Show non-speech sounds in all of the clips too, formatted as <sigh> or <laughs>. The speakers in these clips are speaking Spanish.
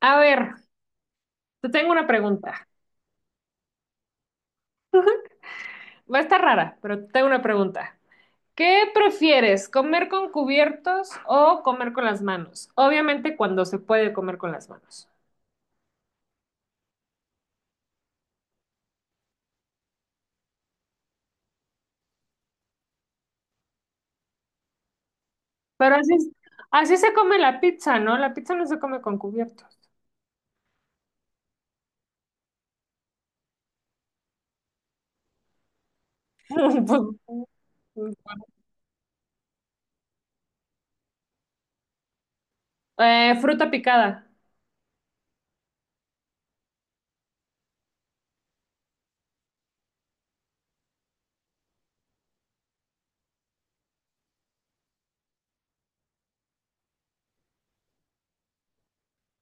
A ver, te tengo una pregunta. Va a estar rara, pero te tengo una pregunta. ¿Qué prefieres, comer con cubiertos o comer con las manos? Obviamente cuando se puede comer con las manos. Pero así, así se come la pizza, ¿no? La pizza no se come con cubiertos. <laughs> Pues, fruta picada.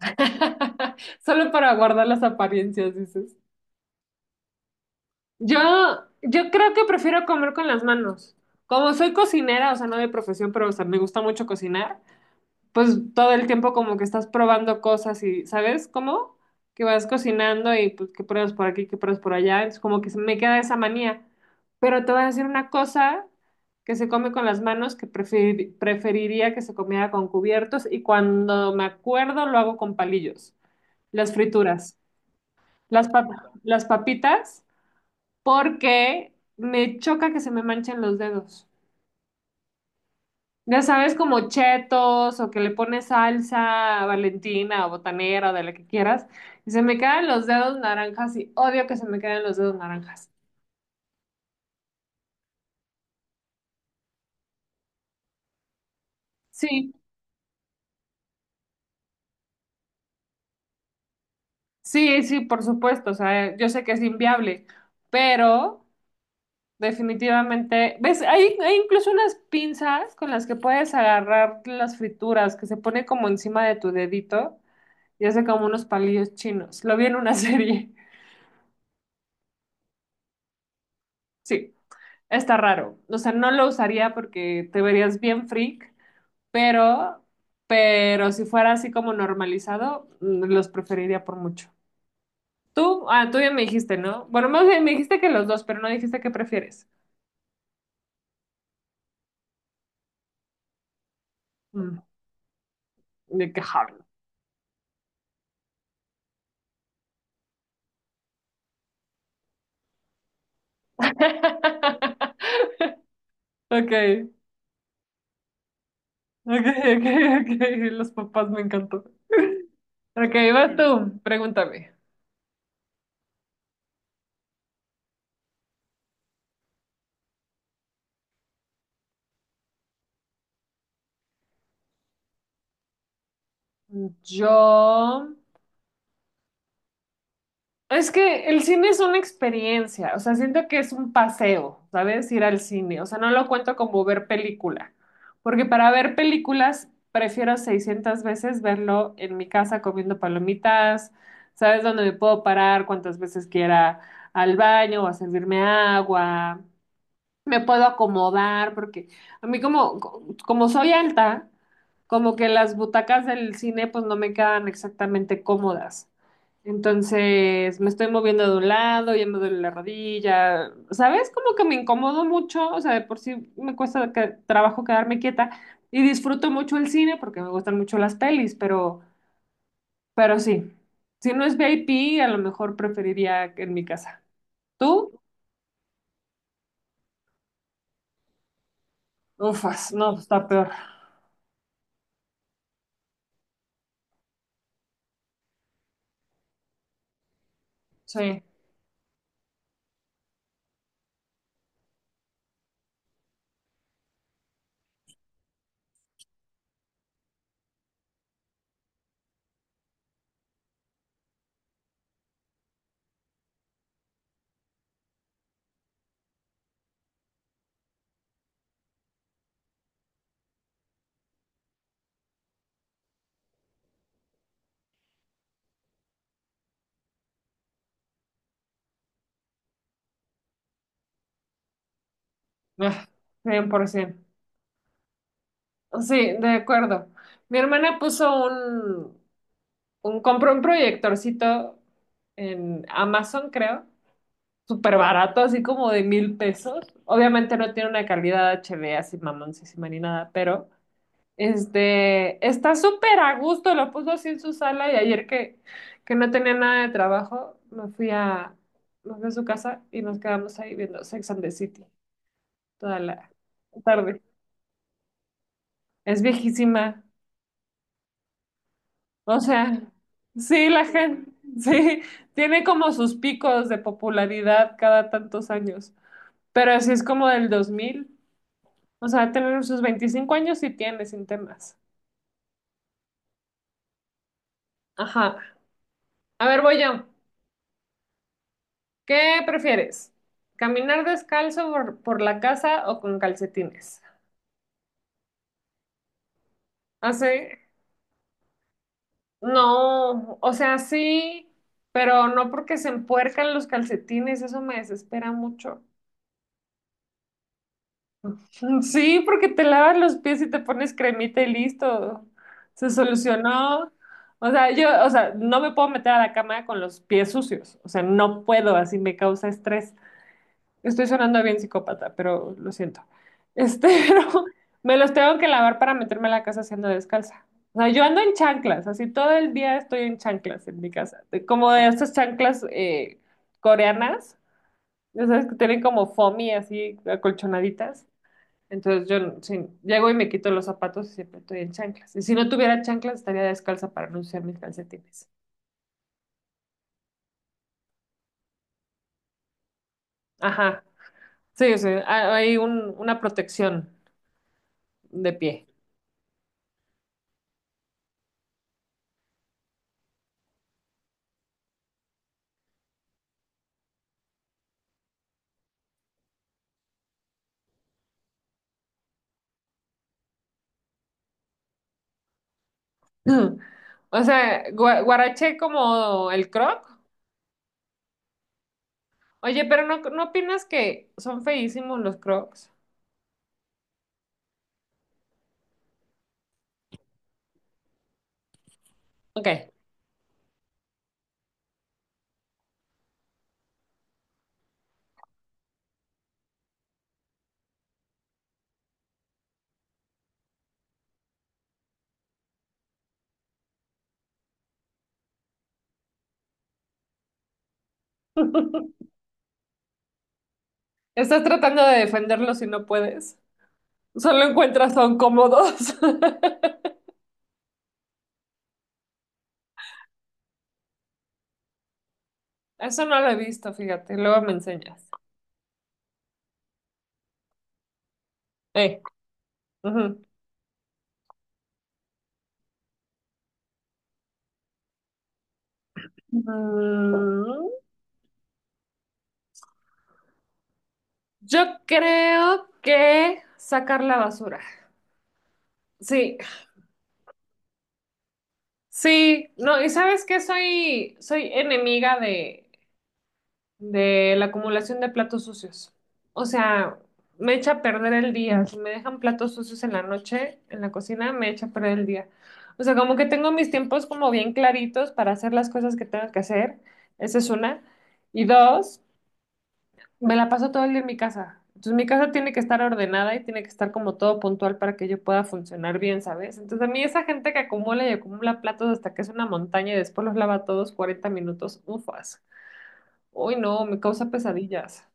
<laughs> Solo para guardar las apariencias, dices. Yo, yo creo que prefiero comer con las manos. Como soy cocinera, o sea, no de profesión, pero o sea, me gusta mucho cocinar. Pues todo el tiempo como que estás probando cosas y, ¿sabes cómo? Que vas cocinando y pues que pruebas por aquí, que pruebas por allá, entonces como que se me queda esa manía. Pero te voy a decir una cosa que se come con las manos que preferiría que se comiera con cubiertos y cuando me acuerdo lo hago con palillos, las frituras, las papitas, porque me choca que se me manchen los dedos. Ya sabes, como chetos o que le pones salsa valentina o botanera o de la que quieras. Y se me quedan los dedos naranjas y odio que se me queden los dedos naranjas. Sí, sí, sí, por supuesto. O sea, yo sé que es inviable, pero definitivamente, ¿ves? Hay incluso unas pinzas con las que puedes agarrar las frituras que se pone como encima de tu dedito y hace como unos palillos chinos. Lo vi en una <laughs> serie. Sí. Está raro. O sea, no lo usaría porque te verías bien freak, pero, pero si fuera así como normalizado, los preferiría por mucho. Tú ya me dijiste, ¿no? Bueno, más bien me dijiste que los dos, pero no dijiste qué prefieres. Mm, de qué joven. <laughs> Ok, ok, ok, ok. Los papás me encantó. Ok, vas tú, pregúntame. Yo. Es que el cine es una experiencia, o sea, siento que es un paseo, ¿sabes? Ir al cine, o sea, no lo cuento como ver película, porque para ver películas prefiero 600 veces verlo en mi casa comiendo palomitas, ¿sabes? Donde me puedo parar cuantas veces quiera al baño o a servirme agua, me puedo acomodar, porque a mí como, como soy alta, como que las butacas del cine pues no me quedan exactamente cómodas. Entonces me estoy moviendo de un lado, ya me duele la rodilla, ¿sabes? Como que me incomodo mucho, o sea, de por sí me cuesta trabajo quedarme quieta y disfruto mucho el cine porque me gustan mucho las pelis, pero sí, si no es VIP, a lo mejor preferiría en mi casa. ¿Tú? Ufas, no, está peor. Sí. Ah, 100%. Sí, de acuerdo. Mi hermana puso compró un proyectorcito en Amazon, creo, súper barato, así como de 1,000 pesos. Obviamente no tiene una calidad HD así mamoncísima ni nada, pero este, está súper a gusto, lo puso así en su sala y ayer que no tenía nada de trabajo, me fui a su casa y nos quedamos ahí viendo Sex and the City toda la tarde. Es viejísima. O sea, sí, la gente, sí, tiene como sus picos de popularidad cada tantos años, pero así es como del 2000. O sea, tener sus 25 años y tiene sin temas. Ajá. A ver, voy yo. ¿Qué prefieres? ¿Caminar descalzo por la casa o con calcetines? Así, no, o sea, sí, pero no porque se empuercan los calcetines, eso me desespera mucho. Sí, porque te lavas los pies y te pones cremita y listo. Se solucionó. O sea, yo, o sea, no me puedo meter a la cama con los pies sucios. O sea, no puedo, así me causa estrés. Estoy sonando bien psicópata, pero lo siento. Este, <laughs> pero me los tengo que lavar para meterme a la casa siendo descalza. O sea, yo ando en chanclas, así todo el día estoy en chanclas en mi casa. Como de estas chanclas coreanas, ya sabes que tienen como foamy así acolchonaditas. Entonces yo sí, llego y me quito los zapatos y siempre estoy en chanclas. Y si no tuviera chanclas, estaría descalza para no usar mis calcetines. Ajá. Sí, o hay una protección de pie. <clears throat> O sea, guaraché como el croc. Oye, pero no, ¿no opinas que son feísimos los crocs? Ok. <laughs> Estás tratando de defenderlos y no puedes. Solo encuentras son cómodos. <laughs> Eso no lo he visto, fíjate. Luego me enseñas. Eh. Ujú. Mm, yo creo que sacar la basura. Sí, sí, no, y sabes que soy enemiga de la acumulación de platos sucios. O sea, me echa a perder el día. Si me dejan platos sucios en la noche, en la cocina, me echa a perder el día. O sea, como que tengo mis tiempos como bien claritos para hacer las cosas que tengo que hacer. Esa es una. Y dos. Me la paso todo el día en mi casa. Entonces mi casa tiene que estar ordenada y tiene que estar como todo puntual para que yo pueda funcionar bien, ¿sabes? Entonces a mí esa gente que acumula y acumula platos hasta que es una montaña y después los lava todos 40 minutos, ufas. Uy, no, me causa pesadillas.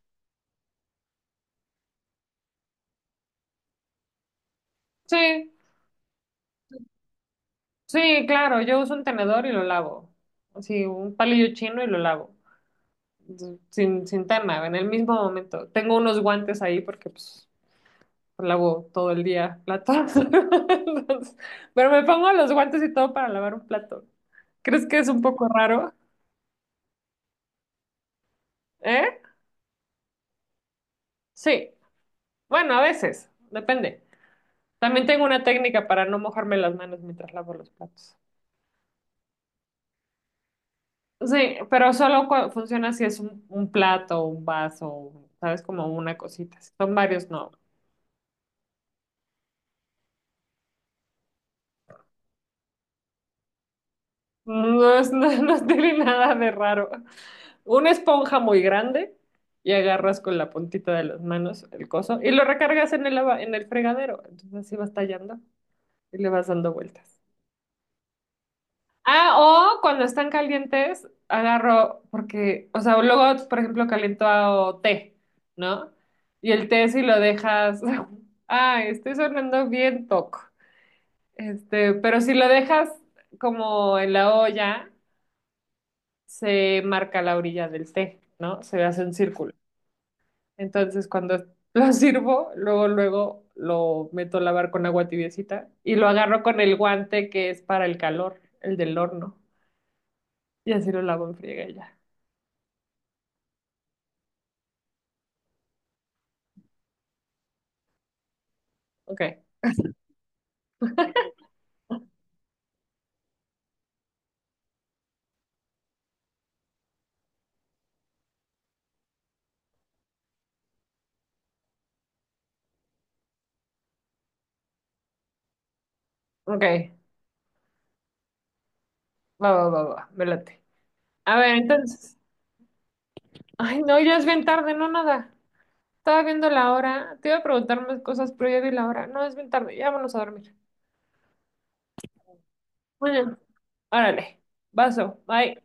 Sí, sí, claro, yo uso un tenedor y lo lavo. Sí, un palillo chino y lo lavo. Sin tema, en el mismo momento. Tengo unos guantes ahí porque pues, lavo todo el día platos. <laughs> Entonces, pero me pongo los guantes y todo para lavar un plato. ¿Crees que es un poco raro? ¿Eh? Sí. Bueno, a veces, depende. También tengo una técnica para no mojarme las manos mientras lavo los platos. Sí, pero solo funciona si es un plato, un vaso, ¿sabes? Como una cosita. Si son varios, no. No, <laughs> no, no tiene nada de raro. Una esponja muy grande y agarras con la puntita de las manos el coso y lo recargas en el, en el fregadero. Entonces así vas tallando y le vas dando vueltas. Ah, o cuando están calientes, agarro, porque, o sea, luego, por ejemplo, caliento té, ¿no? Y el té si lo dejas, <laughs> ay, estoy sonando bien toco. Este, pero si lo dejas como en la olla, se marca la orilla del té, ¿no? Se hace un círculo. Entonces, cuando <laughs> lo sirvo, luego lo meto a lavar con agua tibiecita y lo agarro con el guante que es para el calor, el del horno. Y así lo lavo en friega y ya. Ok, ok. Va, va, va, va. Me late. A ver, entonces. Ay, no, ya es bien tarde, no nada. Estaba viendo la hora. Te iba a preguntar más cosas, pero ya vi la hora. No, es bien tarde. Ya vámonos a dormir. Bueno, órale. Vaso. Bye.